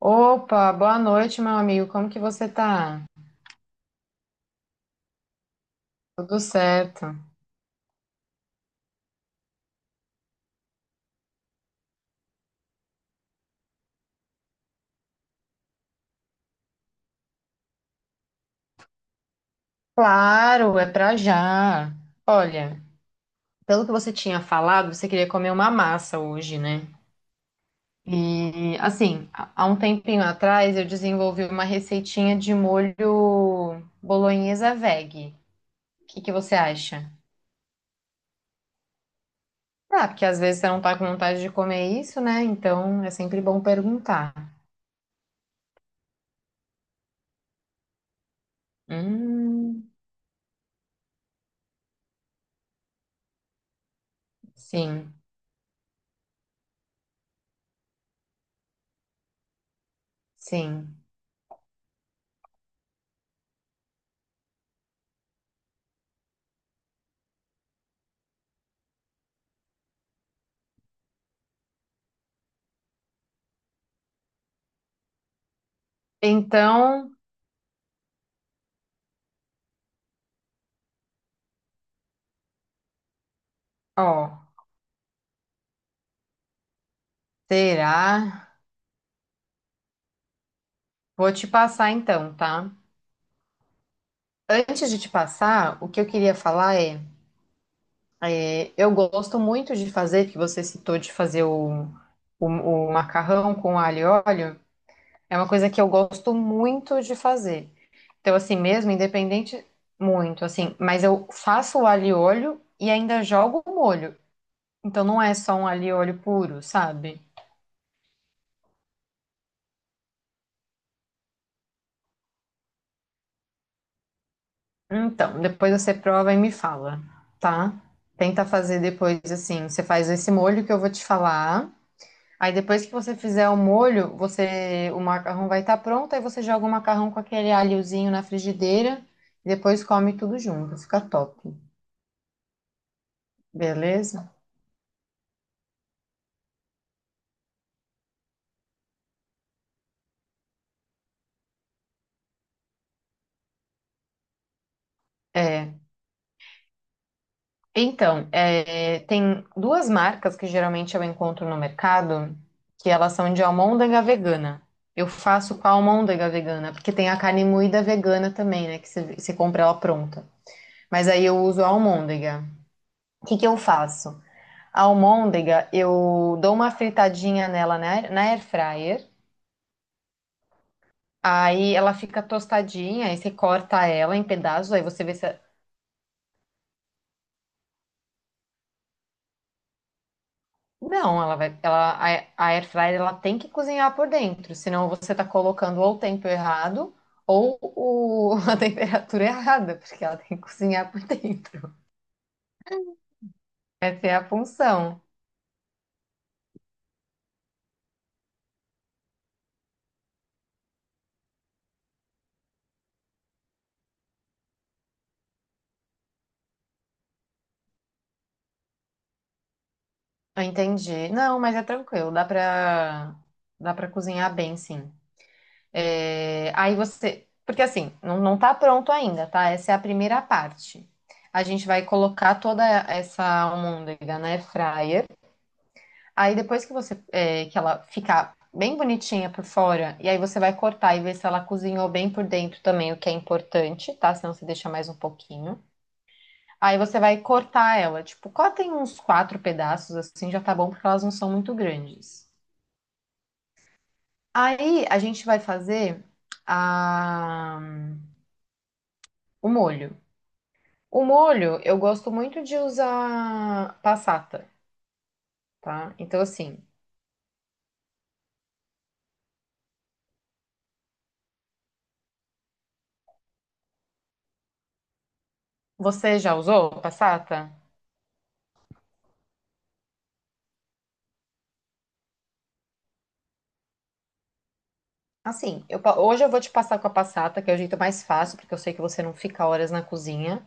Opa, boa noite, meu amigo. Como que você tá? Tudo certo? Claro, é pra já. Olha, pelo que você tinha falado, você queria comer uma massa hoje, né? E assim, há um tempinho atrás eu desenvolvi uma receitinha de molho bolonhesa veg. O que que você acha? Ah, porque às vezes você não tá com vontade de comer isso, né? Então é sempre bom perguntar. Hum, sim, sim. Então, ó. Será? Vou te passar então, tá? Antes de te passar, o que eu queria falar é, eu gosto muito de fazer, que você citou de fazer o macarrão com alho e óleo, é uma coisa que eu gosto muito de fazer. Então, assim, mesmo, independente, muito, assim, mas eu faço o alho e óleo e ainda jogo o molho. Então não é só um alho e óleo puro, sabe? Então, depois você prova e me fala, tá? Tenta fazer depois assim. Você faz esse molho que eu vou te falar. Aí depois que você fizer o molho, você o macarrão vai estar pronto. Aí você joga o macarrão com aquele alhozinho na frigideira e depois come tudo junto. Fica top, beleza? É, então, é, tem duas marcas que geralmente eu encontro no mercado, que elas são de almôndega vegana. Eu faço com a almôndega vegana, porque tem a carne moída vegana também, né? Que você compra ela pronta. Mas aí eu uso a almôndega. O que que eu faço? A almôndega, eu dou uma fritadinha nela na air fryer. Aí ela fica tostadinha, aí você corta ela em pedaços, aí você vê se... Não, ela vai, ela, a air fryer ela tem que cozinhar por dentro, senão você está colocando ou o tempo errado ou a temperatura errada, porque ela tem que cozinhar por dentro. Essa é a função. Eu entendi. Não, mas é tranquilo, dá para dá para cozinhar bem, sim. É, aí você, porque assim, não, não tá pronto ainda, tá? Essa é a primeira parte. A gente vai colocar toda essa almôndega na air fryer. Aí depois que você é, que ela ficar bem bonitinha por fora, e aí você vai cortar e ver se ela cozinhou bem por dentro também, o que é importante, tá? Senão você deixa mais um pouquinho. Aí você vai cortar ela, tipo, cortem uns quatro pedaços assim, já tá bom porque elas não são muito grandes. Aí a gente vai fazer a... o molho. O molho eu gosto muito de usar passata, tá? Então assim, você já usou passata? Assim, hoje eu vou te passar com a passata, que é o jeito mais fácil, porque eu sei que você não fica horas na cozinha.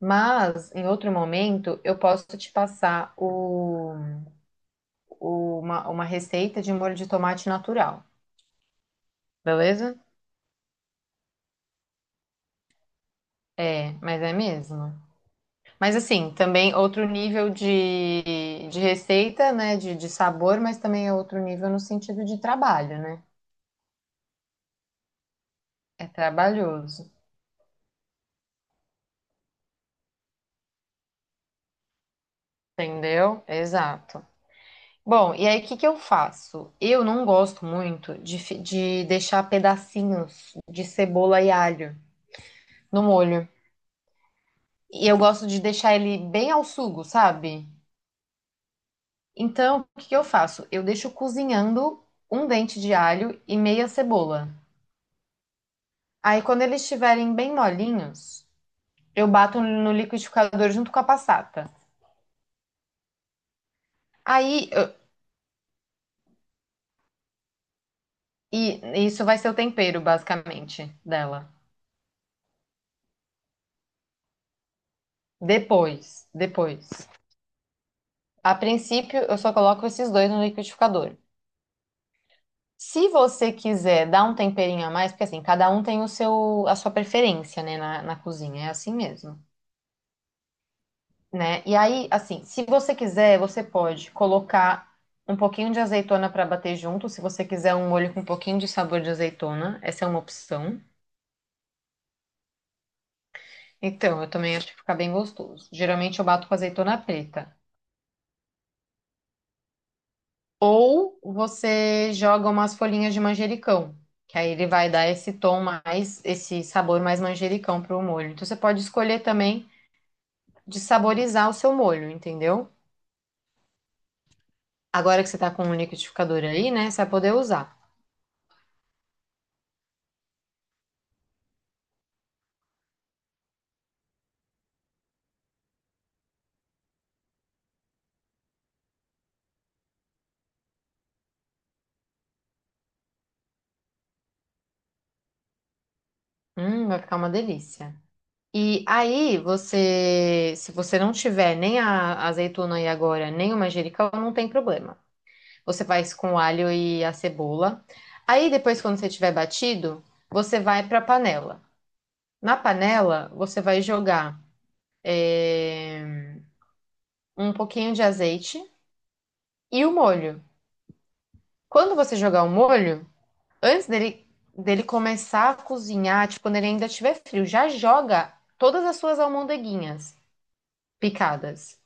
Mas, em outro momento, eu posso te passar uma receita de molho de tomate natural, beleza? É, mas é mesmo. Mas, assim, também outro nível de receita, né? De sabor, mas também é outro nível no sentido de trabalho, né? É trabalhoso, entendeu? Exato. Bom, e aí o que que eu faço? Eu não gosto muito de, de deixar pedacinhos de cebola e alho no molho. E eu gosto de deixar ele bem ao sugo, sabe? Então, o que que eu faço? Eu deixo cozinhando um dente de alho e meia cebola. Aí, quando eles estiverem bem molinhos, eu bato no liquidificador junto com a passata. Aí, eu- e isso vai ser o tempero, basicamente, dela. Depois. A princípio, eu só coloco esses dois no liquidificador. Se você quiser dar um temperinho a mais, porque assim, cada um tem o seu, a sua preferência, né, na cozinha, é assim mesmo, né? E aí, assim, se você quiser, você pode colocar um pouquinho de azeitona para bater junto, se você quiser um molho com um pouquinho de sabor de azeitona, essa é uma opção. Então, eu também acho que fica bem gostoso. Geralmente eu bato com azeitona preta. Ou você joga umas folhinhas de manjericão, que aí ele vai dar esse tom mais, esse sabor mais manjericão para o molho. Então você pode escolher também de saborizar o seu molho, entendeu? Agora que você tá com um liquidificador aí, né, você vai poder usar. Vai ficar uma delícia. E aí você, se você não tiver nem a azeitona aí agora, nem o manjericão, não tem problema. Você faz com o alho e a cebola. Aí depois, quando você tiver batido, você vai para a panela. Na panela, você vai jogar eh, um pouquinho de azeite e o molho. Quando você jogar o molho, antes dele começar a cozinhar, tipo, quando ele ainda estiver frio, já joga todas as suas almôndeguinhas picadas.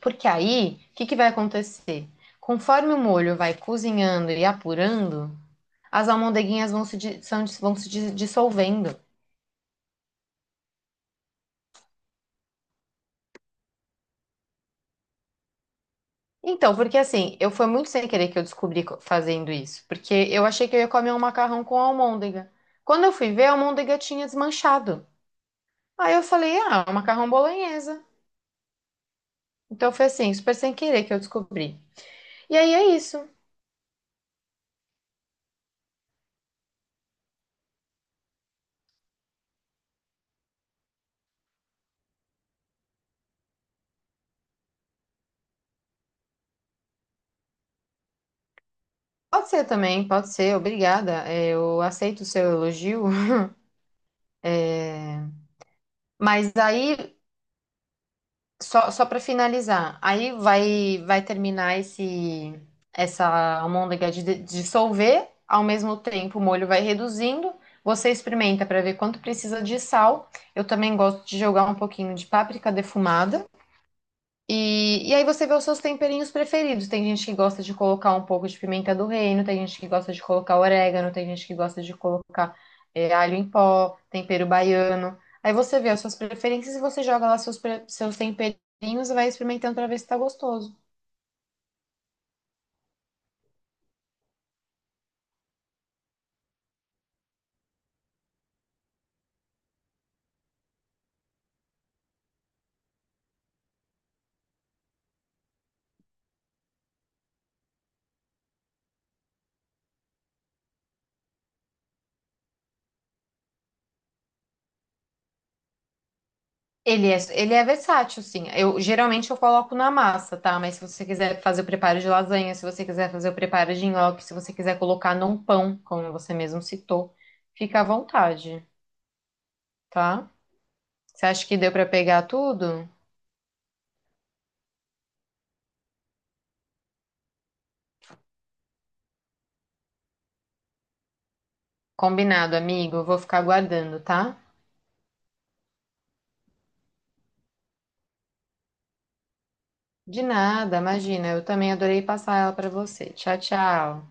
Porque aí, o que que vai acontecer? Conforme o molho vai cozinhando e apurando, as almôndeguinhas vão se dissolvendo. Então, porque assim, eu foi muito sem querer que eu descobri fazendo isso, porque eu achei que eu ia comer um macarrão com almôndega. Quando eu fui ver, a almôndega tinha desmanchado. Aí eu falei, ah, é um macarrão bolonhesa. Então foi assim, super sem querer que eu descobri. E aí é isso. Pode ser também, pode ser, obrigada. É, eu aceito o seu elogio. Mas aí... Só, só para finalizar, aí vai terminar esse essa almôndega de dissolver, ao mesmo tempo o molho vai reduzindo. Você experimenta para ver quanto precisa de sal. Eu também gosto de jogar um pouquinho de páprica defumada. E aí você vê os seus temperinhos preferidos. Tem gente que gosta de colocar um pouco de pimenta do reino, tem gente que gosta de colocar orégano, tem gente que gosta de colocar alho em pó, tempero baiano. Aí você vê as suas preferências e você joga lá seus temperinhos e vai experimentando pra ver se tá gostoso. Ele é versátil, sim. Eu geralmente eu coloco na massa, tá? Mas se você quiser fazer o preparo de lasanha, se você quiser fazer o preparo de nhoque, se você quiser colocar num pão, como você mesmo citou, fica à vontade, tá? Você acha que deu pra pegar tudo? Combinado, amigo. Eu vou ficar aguardando, tá? De nada, imagina. Eu também adorei passar ela pra você. Tchau, tchau.